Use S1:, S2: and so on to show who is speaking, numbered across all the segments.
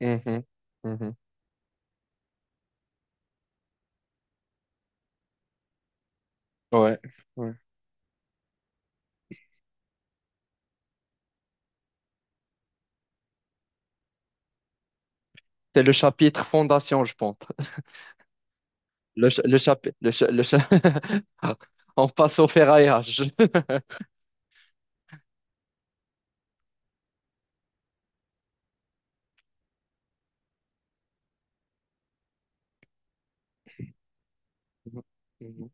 S1: Mhm, mhm. Ouais, ouais. C'est le chapitre fondation, je pense. Le chapitre. Le, ch, le cha- On passe au ferraillage. Mhm, mhm.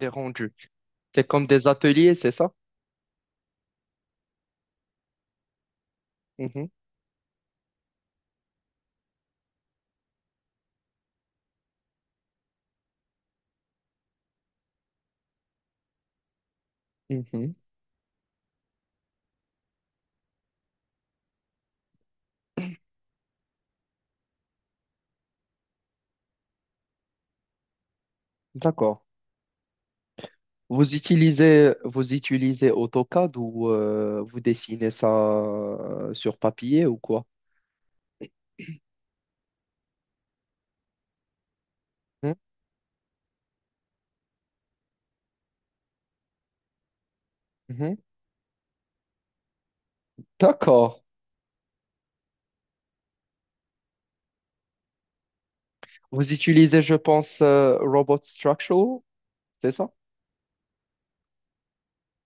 S1: Des rendus. C'est comme des ateliers, c'est ça? Mhm, mhm. D'accord. Vous utilisez AutoCAD ou vous dessinez ça sur papier ou quoi? Mhm, mhm. D'accord. Vous utilisez, je pense, Robot Structural, c'est ça?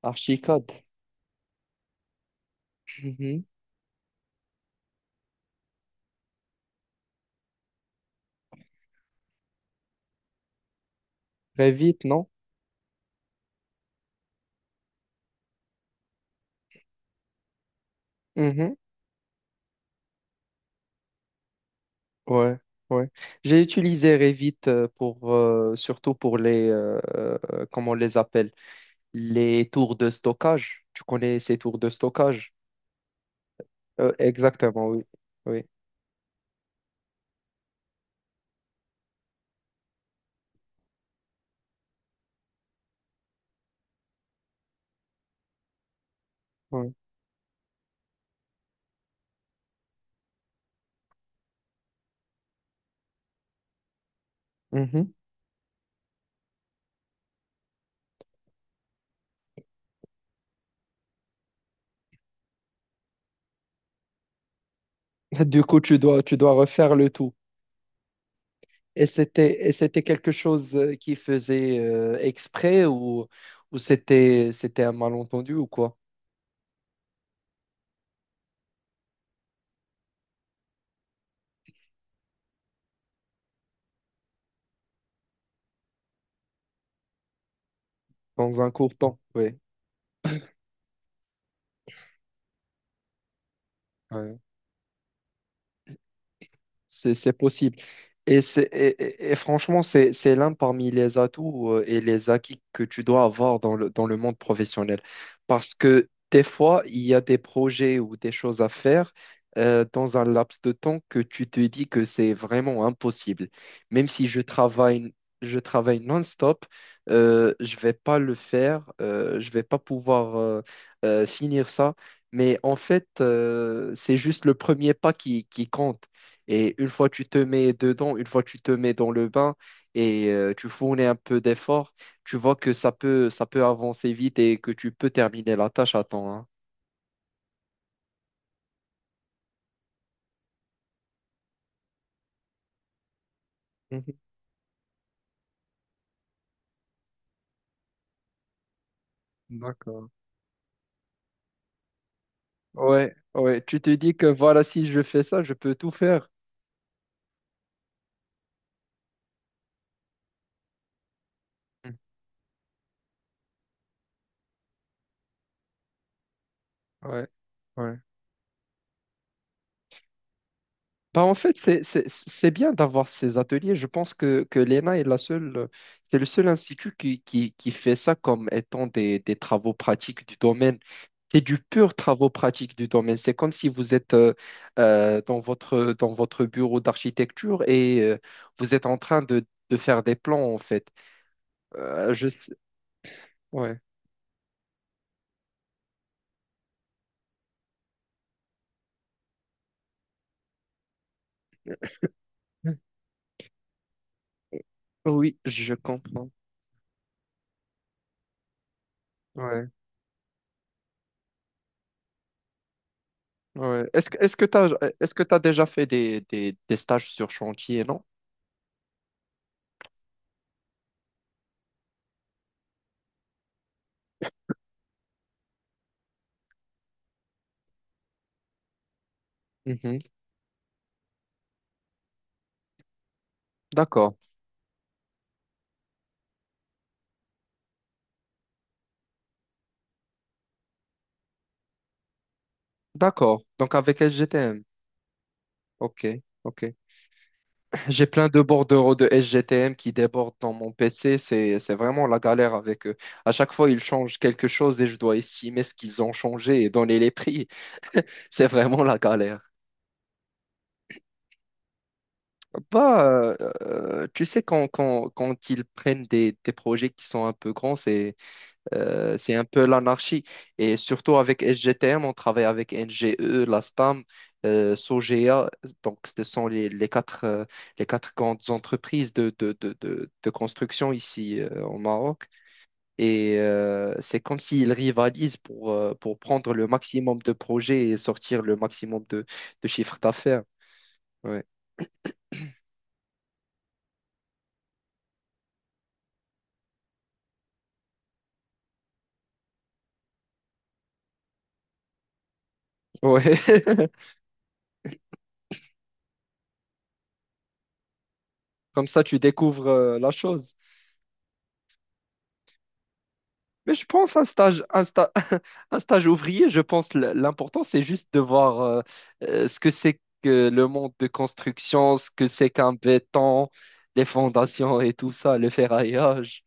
S1: Archicad. Mhm. Revit, non? Mhm. Ouais, ouais. J'ai utilisé Revit pour, surtout pour les, comment on les appelle? Les tours de stockage. Tu connais ces tours de stockage? Exactement, oui. Oui. Oui. Mhm. Du coup, tu dois refaire le tout. Et c'était quelque chose qui faisait exprès ou c'était un malentendu ou quoi? Dans un court temps, oui. Ouais. C'est possible. Et franchement, c'est l'un parmi les atouts et les acquis que tu dois avoir dans le monde professionnel. Parce que des fois, il y a des projets ou des choses à faire dans un laps de temps que tu te dis que c'est vraiment impossible. Même si je travaille non-stop, je vais pas le faire, je vais pas pouvoir finir ça. Mais en fait, c'est juste le premier pas qui compte. Et une fois tu te mets dedans, une fois tu te mets dans le bain et tu fournis un peu d'effort, tu vois que ça peut avancer vite et que tu peux terminer la tâche à temps, hein. Mhm. D'accord. Ouais, ouais, tu te dis que voilà, si je fais ça, je peux tout faire. Mhm. Ouais. Ouais. Bah, en fait, c'est bien d'avoir ces ateliers. Je pense que l'ENA est la seule, c'est le seul institut qui fait ça comme étant des travaux pratiques du domaine. C'est du pur travaux pratiques du domaine. C'est comme si vous êtes dans votre bureau d'architecture et vous êtes en train de faire des plans, en fait. Euh, je sais- Ouais. Oui, je comprends. Ouais, ouais. Est-ce que tu déjà fait des stages sur chantier, non? Mhm. D'accord. D'accord. Donc avec SGTM. OK. OK. J'ai plein de bordereaux de SGTM qui débordent dans mon PC. C'est vraiment la galère avec eux. À chaque fois, ils changent quelque chose et je dois estimer ce qu'ils ont changé et donner les prix. C'est vraiment la galère. Bah, tu sais, quand ils prennent des projets qui sont un peu grands, c'est un peu l'anarchie. Et surtout avec SGTM, on travaille avec NGE, la STAM, Sogea. Donc, ce sont les quatre, les quatre grandes entreprises de construction ici au Maroc. Et c'est comme s'ils rivalisent pour prendre le maximum de projets et sortir le maximum de chiffres d'affaires. Ouais. Ouais. Comme ça, tu découvres la chose. Mais je pense un stage, un sta- un stage ouvrier, je pense l'important, c'est juste de voir ce que c'est que le monde de construction, ce que c'est qu'un béton, les fondations et tout ça, le ferraillage.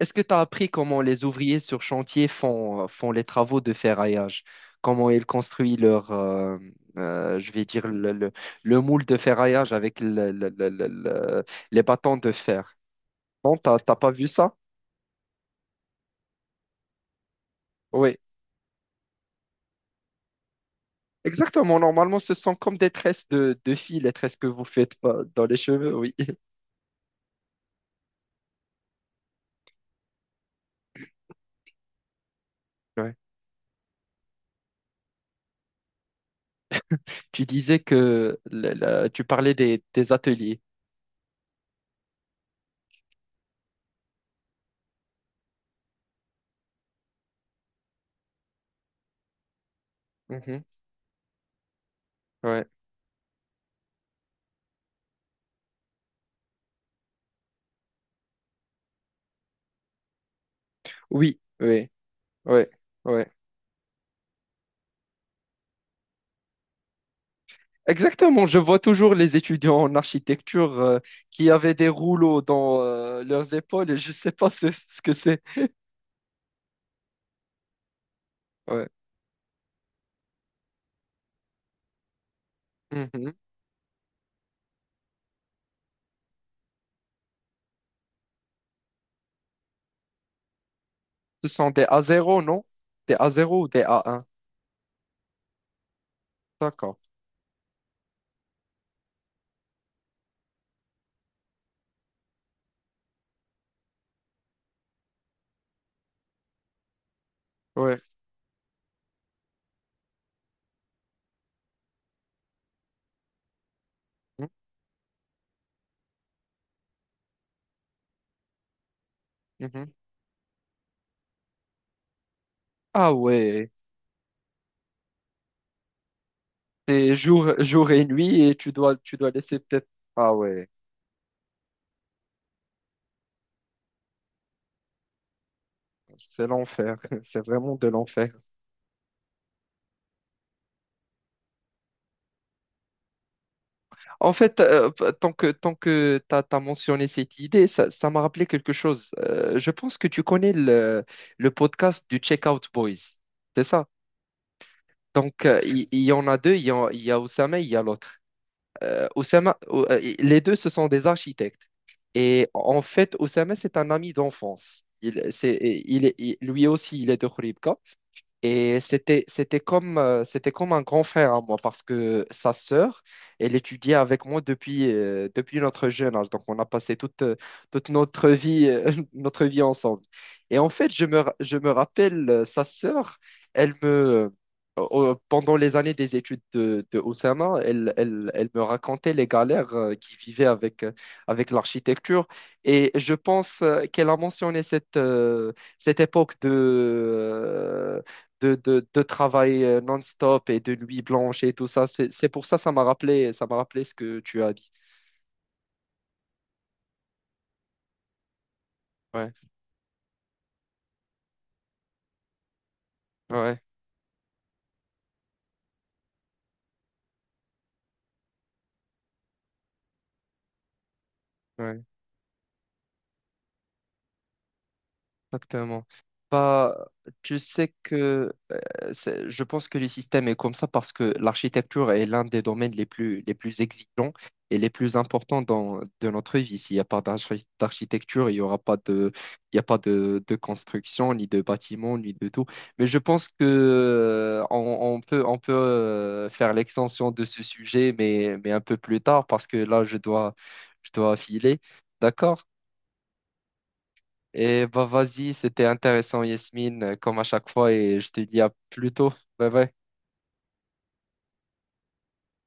S1: Est-ce que tu as appris comment les ouvriers sur chantier font les travaux de ferraillage? Comment ils construisent leur, je vais dire, le moule de ferraillage avec les bâtons de fer? Non, t'as pas vu ça? Oui. Exactement, normalement, ce sont comme des tresses de filles, les tresses que vous faites dans les cheveux, oui. Ouais. Tu disais que tu parlais des ateliers. Mhm. Ouais. Oui, oui, oui, oui. Exactement, je vois toujours les étudiants en architecture qui avaient des rouleaux dans leurs épaules et je ne sais pas ce que c'est. Ouais. Mhm. Ce sont des A0, non? Des A0 ou des A1? D'accord. Ouais. Mhm. Mhm. Ah ouais. C'est jour et nuit et tu dois laisser peut-être. Ah ouais, c'est l'enfer. C'est vraiment de l'enfer. En fait, tant que tu as mentionné cette idée, ça m'a rappelé quelque chose. Je pense que tu connais le podcast du Checkout Boys. C'est ça? Donc, il y en a deux. Il y a Oussama et il y a l'autre. Oussama, les deux, ce sont des architectes. Et en fait, Oussama, c'est un ami d'enfance. Il, c'est, il, est- il- lui aussi, il est de Khouribga. Et c'était comme un grand frère à moi parce que sa sœur, elle étudiait avec moi depuis notre jeune âge. Donc, on a passé toute notre vie, notre vie ensemble. Et en fait, je me rappelle, sa sœur, elle me, pendant les années des études de Oussama, elle me racontait les galères qu'il vivait avec l'architecture. Et je pense qu'elle a mentionné cette époque de travail non-stop et de nuit blanche et tout ça. C'est pour ça ça m'a rappelé ce que tu as dit. Ouais, ouais, ouais, exactement. Bah, tu sais, Je pense que le système est comme ça parce que l'architecture est l'un des domaines les plus exigeants et les plus importants de notre vie. S'il n'y a pas d'archi- d'architecture, il y a pas de construction, ni de bâtiment, ni de tout. Mais je pense que on peut faire l'extension de ce sujet, mais un peu plus tard parce que là, je dois filer. D'accord? Et bah vas-y, c'était intéressant, Yasmine, comme à chaque fois, et je te dis à plus tôt. Bye bye.